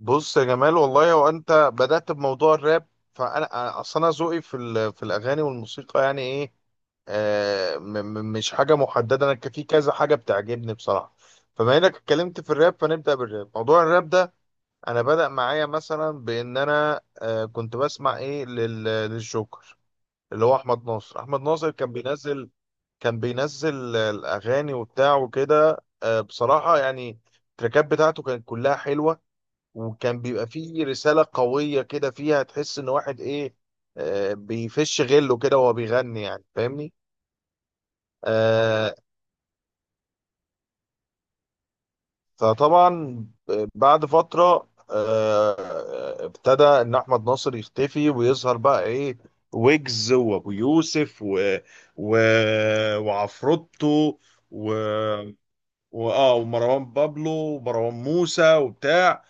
بص يا جمال، والله هو انت بدأت بموضوع الراب. فانا اصل انا ذوقي في في الاغاني والموسيقى يعني ايه. آه م- مش حاجه محدده. انا في كذا حاجه بتعجبني بصراحه. فبما انك اتكلمت في الراب فنبدأ بالراب، موضوع الراب ده. انا بدأ معايا مثلا بان انا كنت بسمع ايه للجوكر، اللي هو احمد ناصر. احمد ناصر كان بينزل الاغاني وبتاع وكده. بصراحه يعني التراكات بتاعته كانت كلها حلوه، وكان بيبقى فيه رسالة قوية كده فيها، تحس ان واحد ايه، بيفش غله كده وهو بيغني، يعني فاهمني. آه فطبعا بعد فترة ابتدى ان احمد ناصر يختفي ويظهر بقى ايه، ويجز وابو يوسف و... وعفروتو و... ومروان بابلو ومروان موسى وبتاع.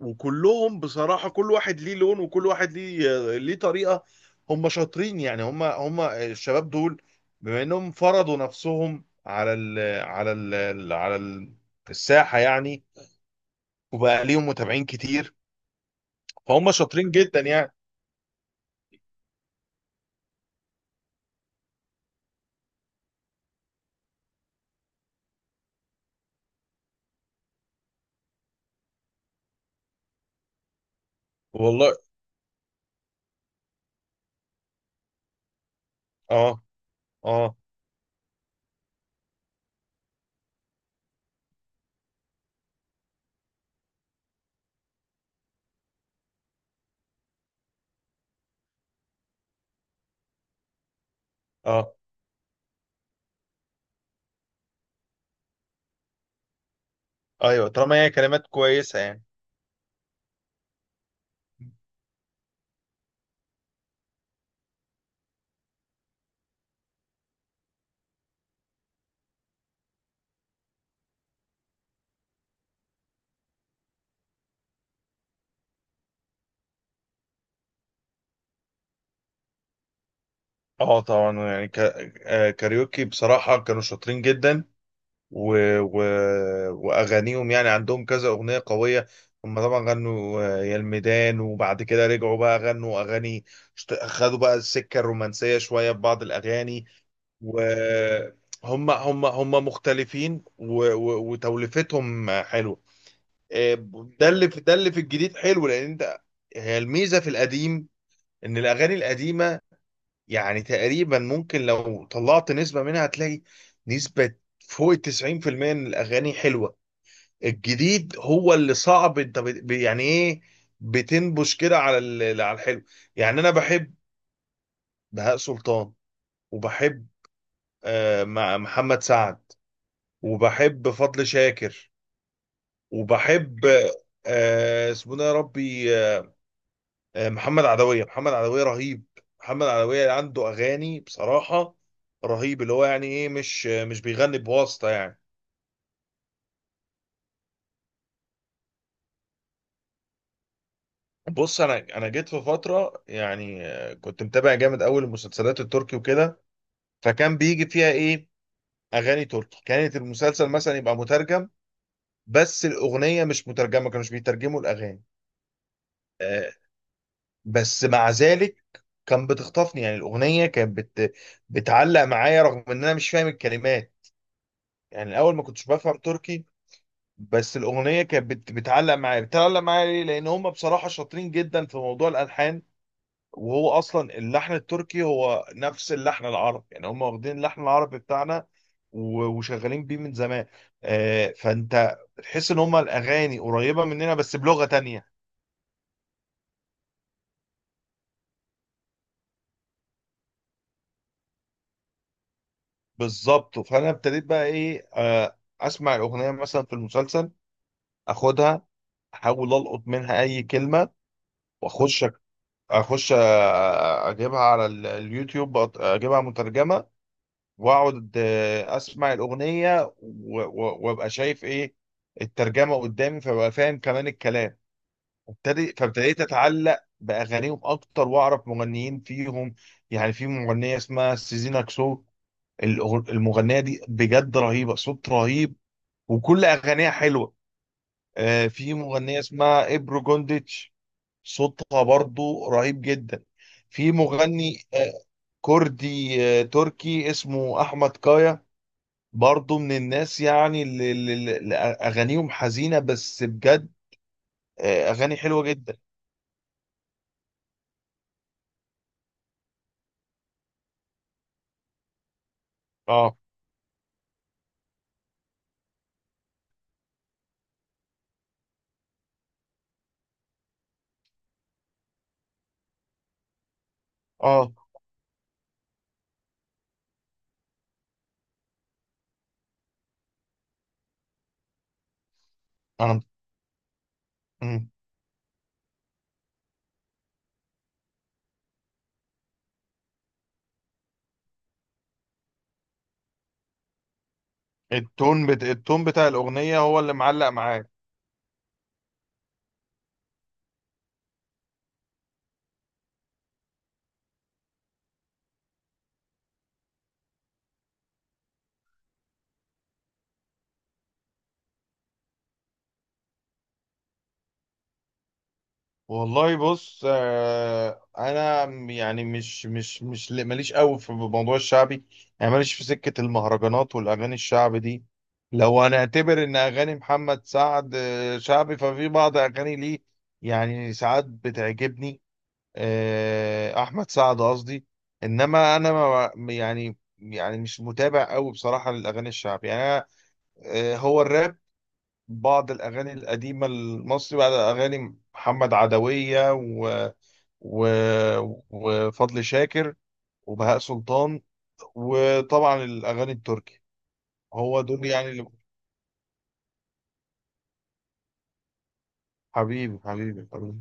وكلهم بصراحة كل واحد ليه لون، وكل واحد ليه طريقة. هم شاطرين، يعني هم الشباب دول، بما انهم فرضوا نفسهم على على ال على ال- الساحة يعني، وبقى ليهم متابعين كتير. فهم شاطرين جدا يعني. والله. اه، اه، اه. ايوه، طالما هي كلمات كويسة يعني. اه، طبعا يعني ك... آه، كاريوكي بصراحة كانوا شاطرين جدا، و... و... واغانيهم، يعني عندهم كذا اغنيه قويه. هم طبعا غنوا يا الميدان، وبعد كده رجعوا بقى غنوا اغاني. خدوا بقى السكه الرومانسيه شويه في بعض الاغاني، وهم هم هم مختلفين، وتوليفتهم حلوه. آه، ده اللي في الجديد حلو. لان انت، هي الميزه في القديم ان الاغاني القديمه يعني تقريبا، ممكن لو طلعت نسبه منها هتلاقي نسبه فوق ال 90% من الاغاني حلوه. الجديد هو اللي صعب، انت يعني ايه، بتنبش كده على على الحلو. يعني انا بحب بهاء سلطان، وبحب محمد سعد، وبحب فضل شاكر، وبحب اسمه ده يا ربي، محمد عدوية رهيب. محمد عدوية عنده اغاني بصراحة رهيب، اللي هو يعني ايه، مش بيغني بواسطة يعني. بص انا جيت في فترة يعني، كنت متابع جامد اول المسلسلات التركي وكده، فكان بيجي فيها ايه، اغاني تركي. كانت المسلسل مثلا يبقى مترجم، بس الاغنيه مش مترجمه، كانوش بيترجموا الاغاني. آه، بس مع ذلك كان بتخطفني يعني، الاغنيه كانت بتعلق معايا، رغم ان انا مش فاهم الكلمات. يعني الاول ما كنتش بفهم تركي، بس الاغنيه كانت بتعلق معايا. ليه؟ لان هم بصراحه شاطرين جدا في موضوع الالحان، وهو اصلا اللحن التركي هو نفس اللحن العربي، يعني هم واخدين اللحن العربي بتاعنا وشغالين بيه من زمان. فانت تحس ان هم الاغاني قريبه مننا، بس بلغه تانية. بالظبط. فانا ابتديت بقى ايه، اسمع الاغنيه مثلا في المسلسل، اخدها، احاول القط منها اي كلمه، واخش اخش، اجيبها على اليوتيوب، اجيبها مترجمه، واقعد اسمع الاغنيه وابقى شايف ايه، الترجمه قدامي، فابقى فاهم كمان الكلام. فابتديت اتعلق باغانيهم اكتر، واعرف مغنيين فيهم. يعني في مغنيه اسمها سيزينا كسو، المغنيه دي بجد رهيبه، صوت رهيب، وكل اغانيها حلوه. في مغنيه اسمها ابرو جونديتش، صوتها برضو رهيب جدا. في مغني كردي تركي اسمه احمد كايا، برضو من الناس يعني اللي اغانيهم حزينه، بس بجد اغاني حلوه جدا. اه، اه. انا. مم. التون بتاع الاغنيه هو اللي معلق معاك. والله بص، انا يعني مش ماليش قوي في موضوع الشعبي. يعني ماليش في سكه المهرجانات والاغاني الشعبي دي. لو هنعتبر ان اغاني محمد سعد شعبي، ففي بعض اغاني ليه، يعني ساعات بتعجبني. احمد سعد قصدي. انما انا ما يعني، مش متابع قوي بصراحه للاغاني الشعبي يعني. أنا، هو الراب، بعض الاغاني القديمه المصري، بعض اغاني محمد عدويه و و وفضل شاكر وبهاء سلطان، وطبعا الاغاني التركي. هو دول يعني اللي. حبيبي حبيبي حبيبي.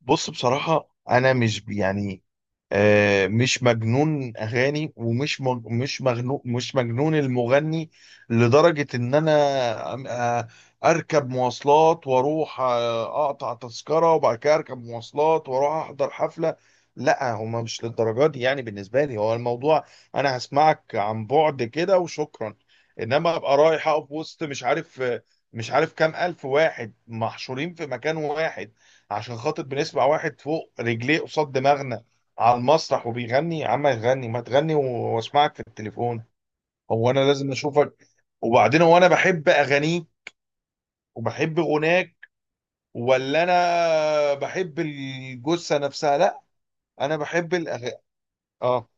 بص، بصراحه انا مش يعني، مش مجنون اغاني، ومش مج... مش مجنون مش مجنون المغني، لدرجه ان انا أم- آه، اركب مواصلات واروح اقطع تذكره، وبعد كده اركب مواصلات واروح احضر حفله. لا، هما مش للدرجه دي يعني بالنسبه لي. هو الموضوع، انا هسمعك عن بعد كده وشكرا. انما ابقى رايح اقف وسط مش عارف كام الف واحد محشورين في مكان واحد، عشان خاطر بنسمع واحد فوق رجليه قصاد دماغنا على المسرح وبيغني؟ يا عم يغني ما تغني، واسمعك في التليفون. هو انا لازم اشوفك؟ وبعدين هو انا بحب اغانيك وبحب غناك، ولا انا بحب الجثه نفسها؟ لا، انا بحب الاغاني. اه،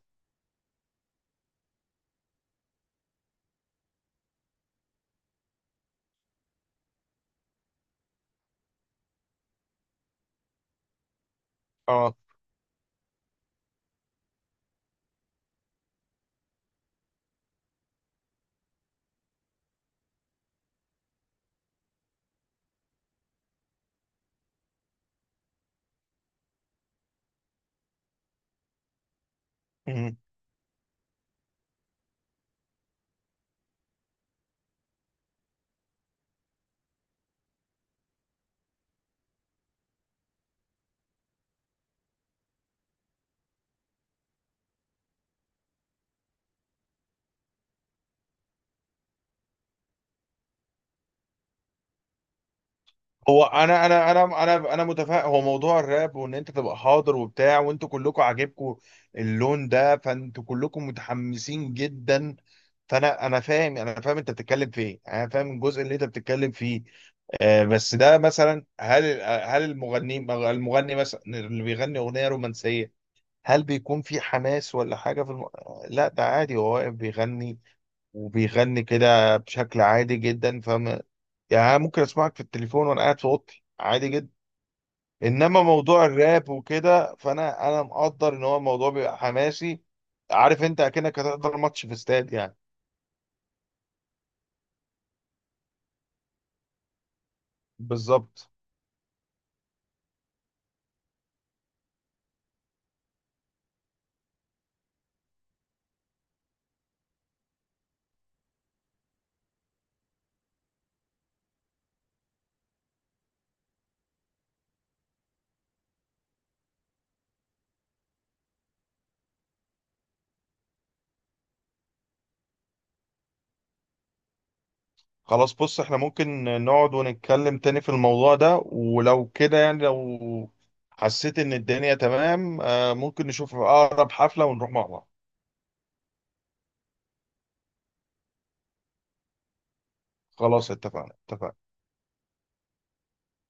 اه. مم. هو انا متفائل. هو موضوع الراب، وان انت تبقى حاضر وبتاع وانتوا كلكم عاجبكم اللون ده، فانتوا كلكم متحمسين جدا. فانا فاهم، انا فاهم انت بتتكلم في ايه، انا فاهم الجزء اللي انت بتتكلم فيه. بس ده مثلا، هل المغني مثلا اللي بيغني اغنيه رومانسيه، هل بيكون في حماس ولا حاجه في لا، ده عادي، هو واقف بيغني وبيغني كده بشكل عادي جدا فاهم. يعني أنا ممكن اسمعك في التليفون وانا قاعد في اوضتي عادي جدا. انما موضوع الراب وكده، فانا مقدر ان هو الموضوع بيبقى حماسي. عارف انت اكنك هتحضر ماتش في استاد يعني. بالظبط. خلاص، بص احنا ممكن نقعد ونتكلم تاني في الموضوع ده، ولو كده يعني، لو حسيت ان الدنيا تمام ممكن نشوف اقرب حفلة ونروح مع بعض. خلاص، اتفقنا اتفقنا.